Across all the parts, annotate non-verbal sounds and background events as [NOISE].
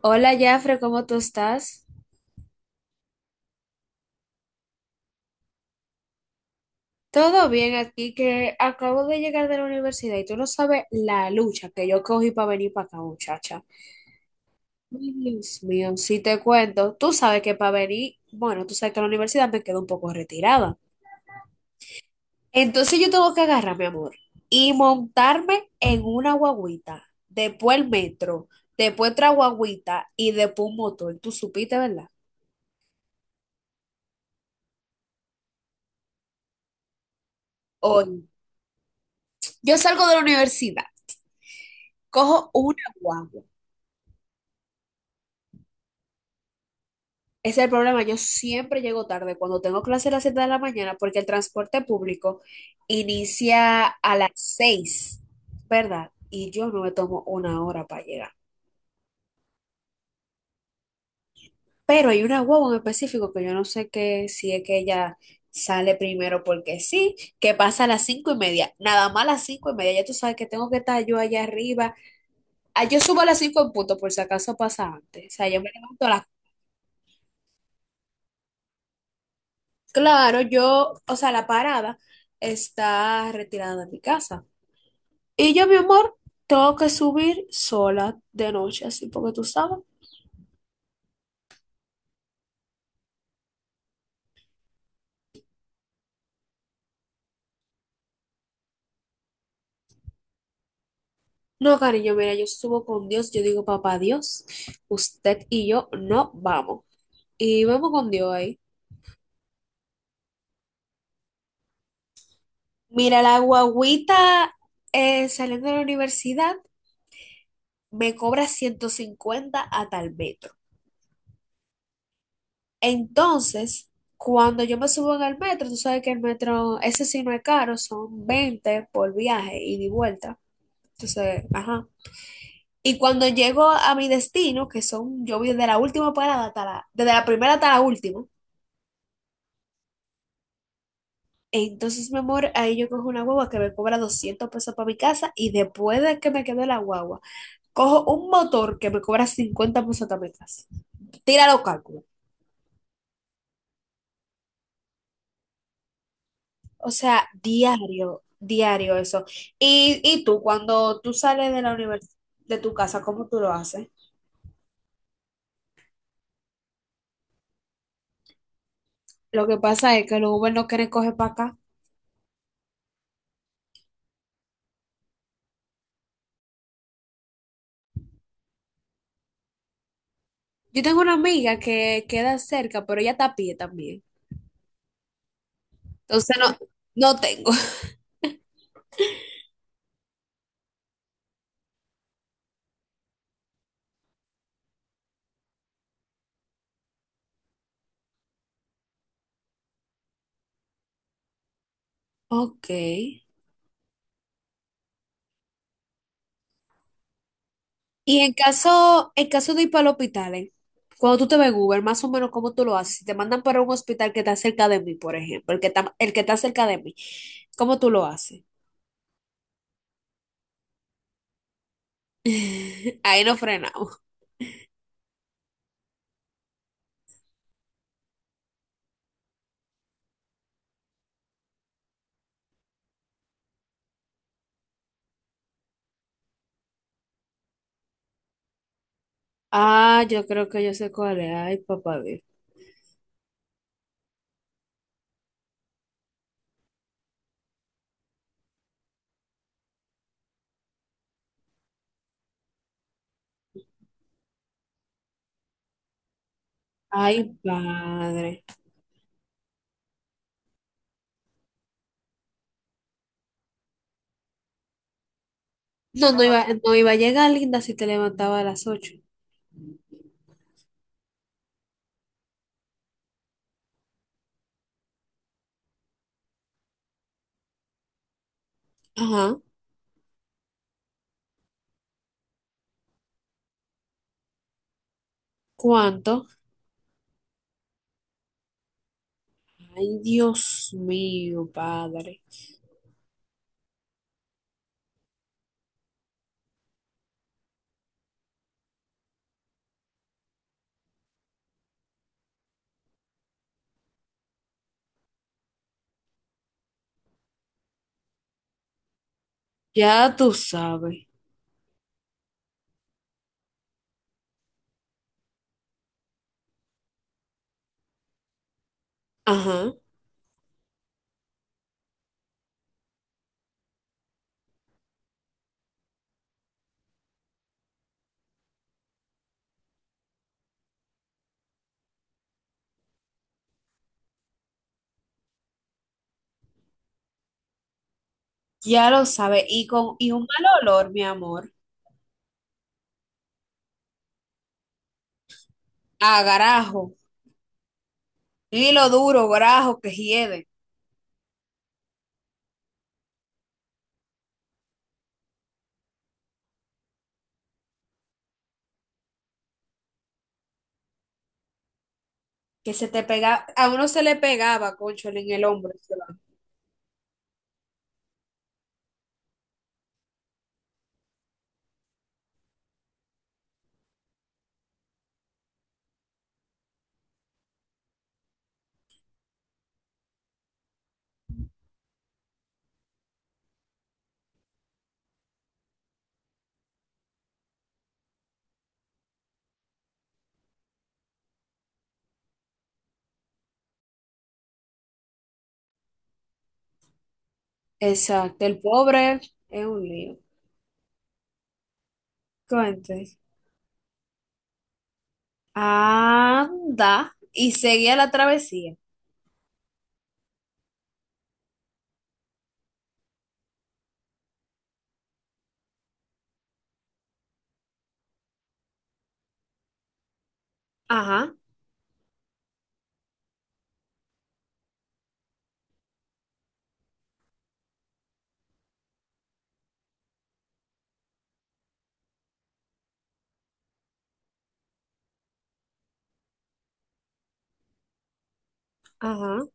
Hola, Jafre, ¿cómo tú estás? Todo bien aquí, que acabo de llegar de la universidad y tú no sabes la lucha que yo cogí para venir para acá, muchacha. Ay, Dios mío, si te cuento, tú sabes que para venir, bueno, tú sabes que la universidad me queda un poco retirada. Entonces yo tengo que agarrar, mi amor, y montarme en una guagüita, después el metro, después otra guagüita y después un motor. Tú supiste, ¿verdad? Hoy, yo salgo de la universidad, cojo una guagua. Ese es el problema. Yo siempre llego tarde cuando tengo clase a las 7 de la mañana porque el transporte público inicia a las 6, ¿verdad? Y yo no me tomo una hora para llegar. Pero hay una guagua en específico que yo no sé qué, si es que ella sale primero porque sí, que pasa a las 5:30. Nada más a las 5:30. Ya tú sabes que tengo que estar yo allá arriba. Ah, yo subo a las 5 en punto por si acaso pasa antes. O sea, yo me levanto a las... Claro, yo, o sea, la parada está retirada de mi casa. Y yo, mi amor, tengo que subir sola de noche, así porque tú sabes. No, cariño, mira, yo subo con Dios, yo digo, papá Dios, usted y yo no vamos. Y vamos con Dios ahí. Mira, la guagüita saliendo de la universidad me cobra 150 a tal metro. Entonces, cuando yo me subo en el metro, tú sabes que el metro, ese sí no es caro, son 20 por viaje ida y de vuelta. Entonces, ajá. Y cuando llego a mi destino, que son, yo voy desde la última parada hasta la, desde la primera hasta la última, entonces, mi amor, ahí yo cojo una guagua que me cobra 200 pesos para mi casa y después de que me quede la guagua, cojo un motor que me cobra 50 pesos para mi casa. Tira los cálculos. O sea, diario, diario eso. Y tú, cuando tú sales de la universidad, de tu casa, ¿cómo tú lo haces? Lo que pasa es que los Uber no quieren coger para acá. Yo tengo una amiga que queda cerca, pero ella está a pie también. Entonces no, no tengo. [LAUGHS] Ok. Y en caso de ir para el hospital, ¿eh? Cuando tú te ves en Uber, más o menos cómo tú lo haces. Si te mandan para un hospital que está cerca de mí, por ejemplo, el que está cerca de mí, ¿cómo tú lo haces? [LAUGHS] Ahí no frenamos. Ah, yo creo que yo sé cuál es. Ay, papá Dios. Ay, padre. No, no iba a llegar, linda, si te levantaba a las 8. Ajá. ¿Cuánto? Ay, Dios mío, padre. Ya tú sabes. Ajá. Ya lo sabe. Y con y un mal olor, mi amor, a garajo. Hilo duro, grajo que hiede. Que se te pega, a uno se le pegaba, concho, en el hombro. Se va. Exacto. El pobre es un lío. Cuente. Anda. Y seguía la travesía. Ajá, ajá.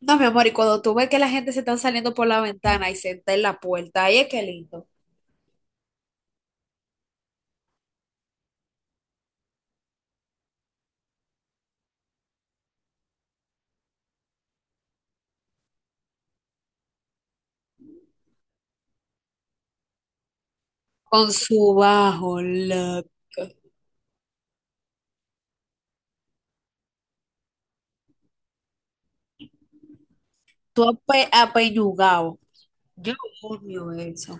No, mi amor, y cuando tú ves que la gente se está saliendo por la ventana y se está en la puerta, ahí es que lindo. Con su bajo, tú apeñugado. Yo odio eso.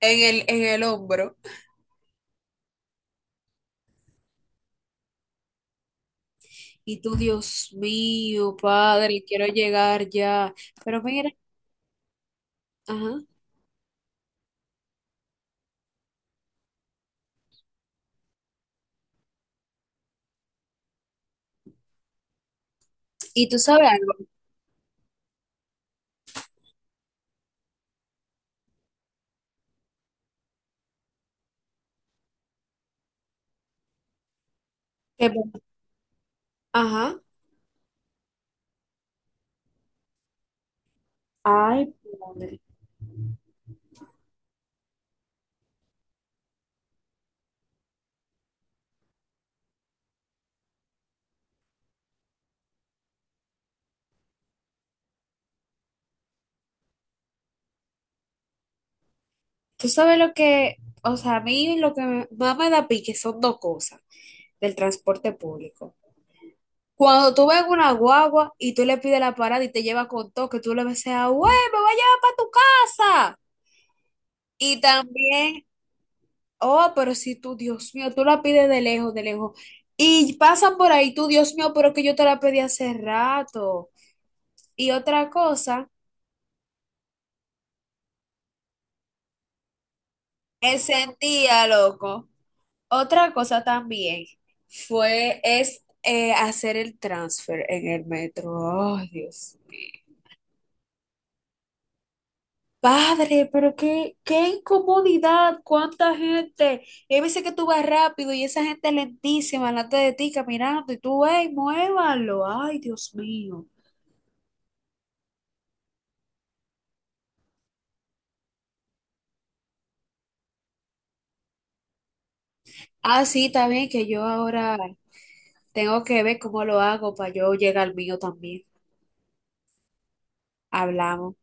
En el hombro. Y tú, Dios mío, padre, quiero llegar ya. Pero mira, ajá. Y tú sabes algo, que- ajá. Ay, padre. Tú sabes lo que, o sea, a mí lo que me- más me da pique son dos cosas del transporte público. Cuando tú ves una guagua y tú le pides la parada y te lleva con todo, que tú le ves a, güey, me voy a llevar para tu casa. Y también oh, pero si tú, Dios mío, tú la pides de lejos, de lejos. Y pasan por ahí, tú, Dios mío, pero que yo te la pedí hace rato. Y otra cosa, ese día, loco. Otra cosa también fue, es hacer el transfer en el metro. Ay, Dios. Padre, pero qué incomodidad, cuánta gente. Y hay veces que tú vas rápido y esa gente lentísima delante de ti caminando y tú, ey, muévalo. Ay, Dios mío. Ah, sí, también que yo ahora tengo que ver cómo lo hago para yo llegar al mío también. Hablamos.